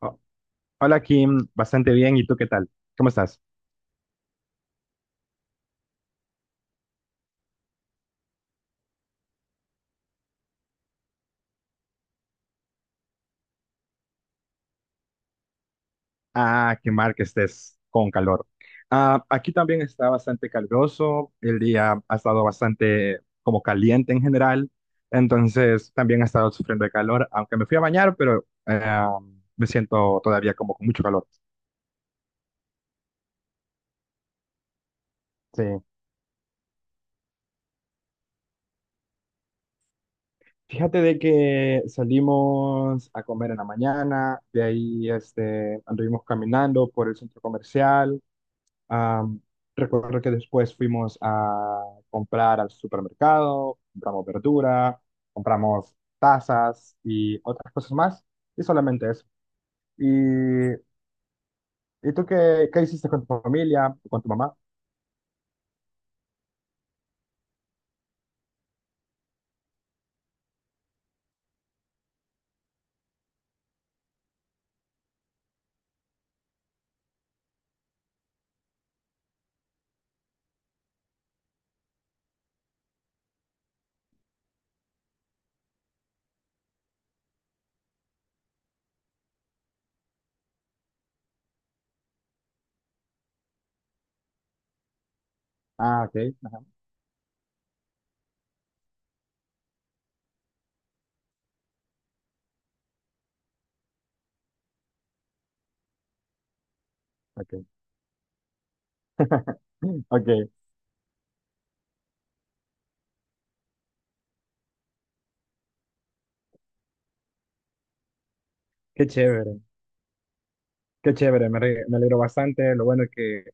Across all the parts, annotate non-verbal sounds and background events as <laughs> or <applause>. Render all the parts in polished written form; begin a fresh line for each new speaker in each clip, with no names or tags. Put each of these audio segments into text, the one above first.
Oh, hola Kim, bastante bien. ¿Y tú qué tal? ¿Cómo estás? Ah, qué mal que estés con calor. Ah, aquí también está bastante caluroso. El día ha estado bastante como caliente en general. Entonces también he estado sufriendo de calor, aunque me fui a bañar, pero me siento todavía como con mucho calor. Sí. Fíjate de que salimos a comer en la mañana, de ahí este, anduvimos caminando por el centro comercial. Am, Recuerdo que después fuimos a comprar al supermercado, compramos verdura, compramos tazas y otras cosas más, y solamente eso. ¿Y, ¿y tú qué, qué hiciste con tu familia, con tu mamá? Ah, ok, ok. <laughs> Ok, qué chévere, qué chévere, me, re- me alegro bastante. Lo bueno es que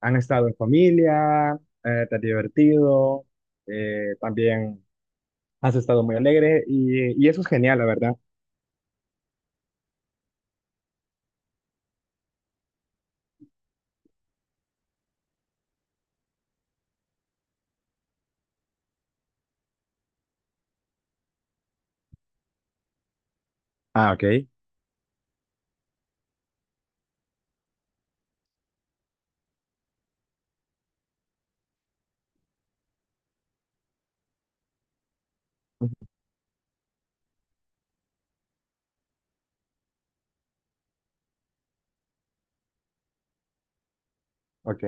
han estado en familia, te has divertido, también has estado muy alegre y eso es genial, la verdad. Ah, ok. Ok.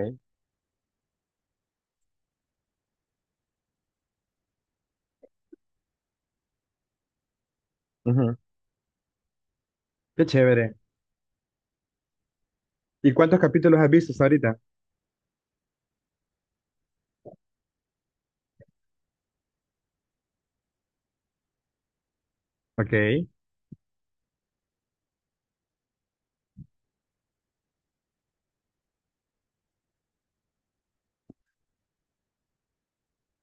Ujú. Qué chévere. ¿Y cuántos capítulos has visto hasta ahorita? Ok.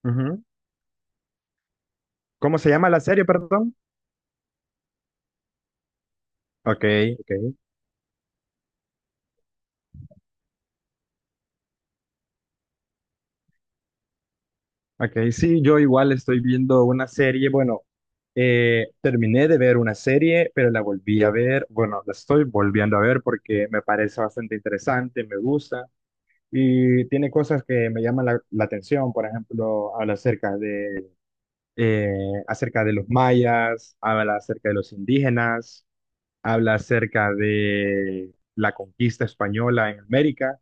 Ujú. ¿Cómo se llama la serie, perdón? Ok, ok, ok. Sí, yo igual estoy viendo una serie. Bueno, terminé de ver una serie, pero la volví a ver. Bueno, la estoy volviendo a ver porque me parece bastante interesante, me gusta y tiene cosas que me llaman la, la atención. Por ejemplo, habla eh, acerca de los mayas, habla acerca de los indígenas, habla acerca de la conquista española en América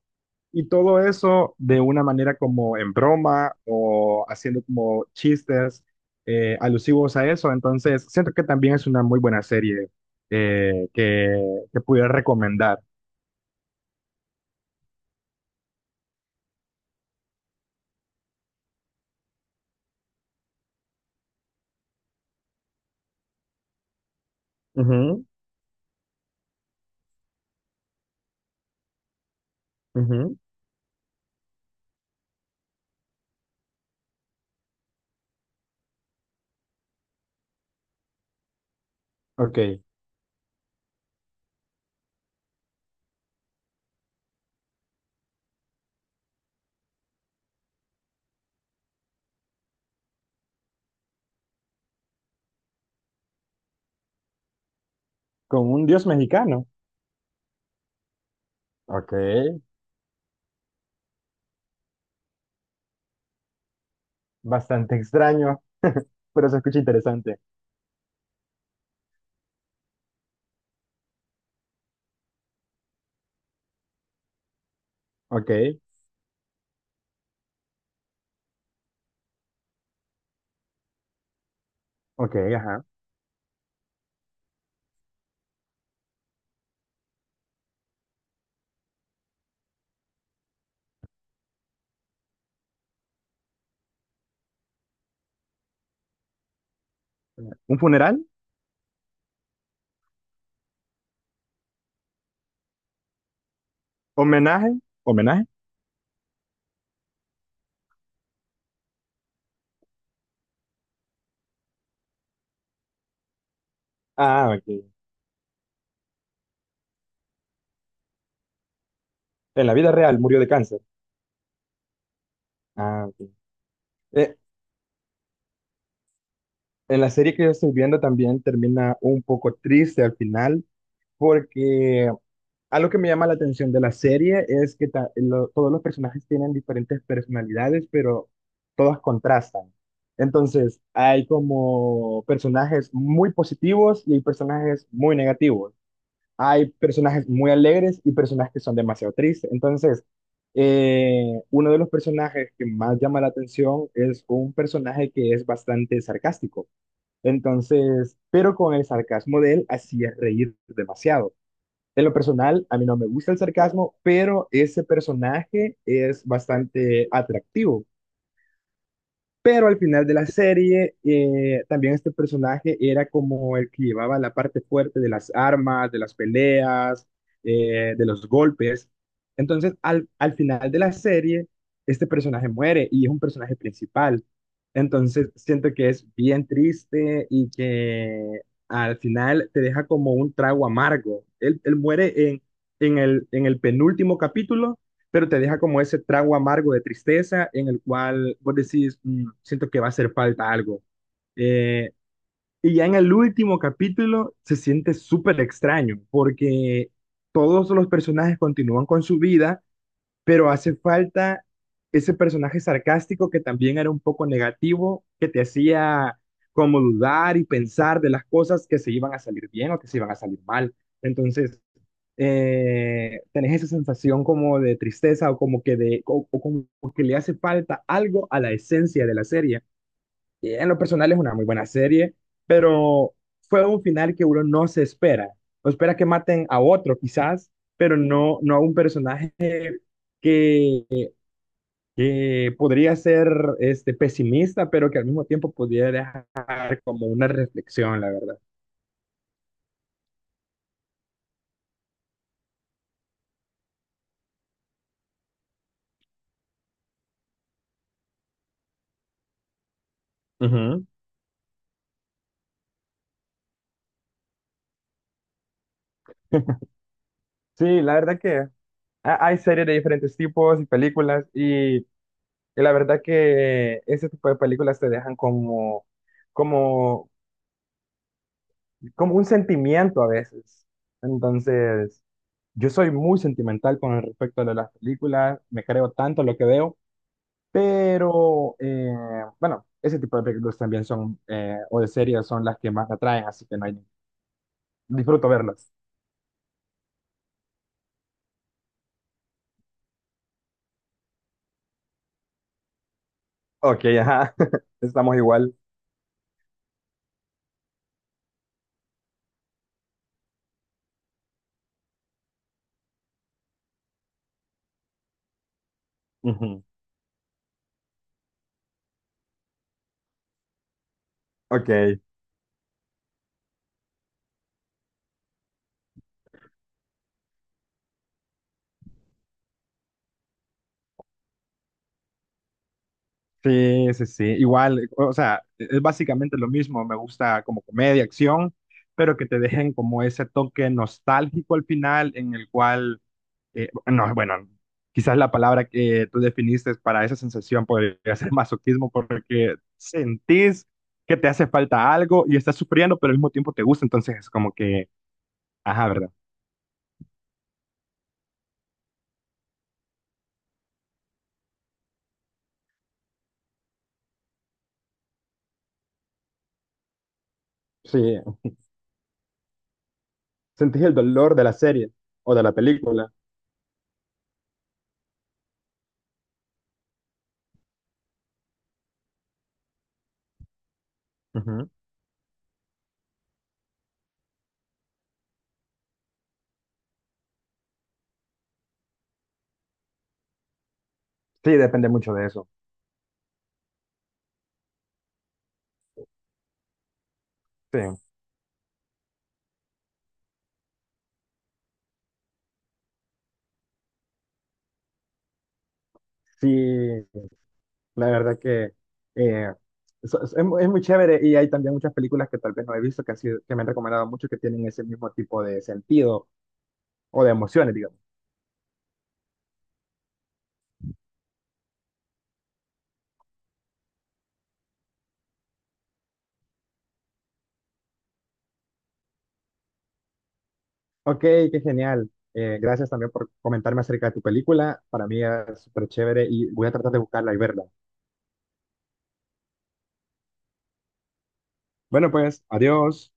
y todo eso de una manera como en broma o haciendo como chistes alusivos a eso. Entonces, siento que también es una muy buena serie que pudiera recomendar. Ujú, ujú. Ok, con un dios mexicano. Ok, bastante extraño, <laughs> pero se escucha interesante. Ok, ok, ajá. ¿Un funeral? ¿Homenaje? ¿Homenaje? Ah, ok. En la vida real murió de cáncer. Ah, ok. Eh, en la serie que yo estoy viendo también termina un poco triste al final, porque algo que me llama la atención de la serie es que ta- lo- todos los personajes tienen diferentes personalidades, pero todas contrastan. Entonces, hay como personajes muy positivos y hay personajes muy negativos, hay personajes muy alegres y personajes que son demasiado tristes. Entonces, uno de los personajes que más llama la atención es un personaje que es bastante sarcástico. Entonces, pero con el sarcasmo de él hacía reír demasiado. En lo personal, a mí no me gusta el sarcasmo, pero ese personaje es bastante atractivo. Pero al final de la serie, también este personaje era como el que llevaba la parte fuerte de las armas, de las peleas, de los golpes. Entonces, al, al final de la serie, este personaje muere y es un personaje principal. Entonces, siento que es bien triste y que al final te deja como un trago amargo. Él muere en el penúltimo capítulo, pero te deja como ese trago amargo de tristeza en el cual vos decís, "Mm, siento que va a hacer falta algo. Eh, y ya en el último capítulo se siente súper extraño porque todos los personajes continúan con su vida, pero hace falta ese personaje sarcástico que también era un poco negativo, que te hacía como dudar y pensar de las cosas que se iban a salir bien o que se iban a salir mal. Entonces, tenés esa sensación como de tristeza o como que, de, o como que le hace falta algo a la esencia de la serie. Y en lo personal es una muy buena serie, pero fue un final que uno no se espera. No espera que maten a otro quizás, pero no, no a un personaje que, que podría ser este, pesimista, pero que al mismo tiempo pudiera dejar como una reflexión, la verdad. Ujú. Sí, la verdad que ha- hay series de diferentes tipos y películas y la verdad que ese tipo de películas te dejan como, como, como un sentimiento a veces. Entonces, yo soy muy sentimental con el respecto de las películas, me creo tanto lo que veo, pero bueno, ese tipo de películas también son, o de series son las que más me atraen, así que no hay- disfruto verlas. Ok, ajá, <laughs> estamos igual. Ujú. Ok. Sí, sí, sí. Igual, o sea, e, es básicamente lo mismo. Me gusta como comedia, acción, pero que te dejen como ese toque nostálgico al final, en el cual, no, bueno, quizás la palabra que tú definiste para esa sensación podría ser <laughs> masoquismo, porque sentís que te hace falta algo y estás sufriendo, pero al mismo tiempo te gusta. Entonces es como que, ajá, ¿verdad? Sí, sentís el dolor de la serie o de la película. Ujú. Sí, depende mucho de eso. Sí. Sí, la verdad que eh, es mu- es muy chévere y hay también muchas películas que tal vez no he visto que, han sido- que me han recomendado mucho que tienen ese mismo tipo de sentido o de emociones, digamos. Ok, qué genial. Gracias también por comentarme acerca de tu película. Para mí es súper chévere y voy a tratar de buscarla y verla. Bueno, pues, adiós.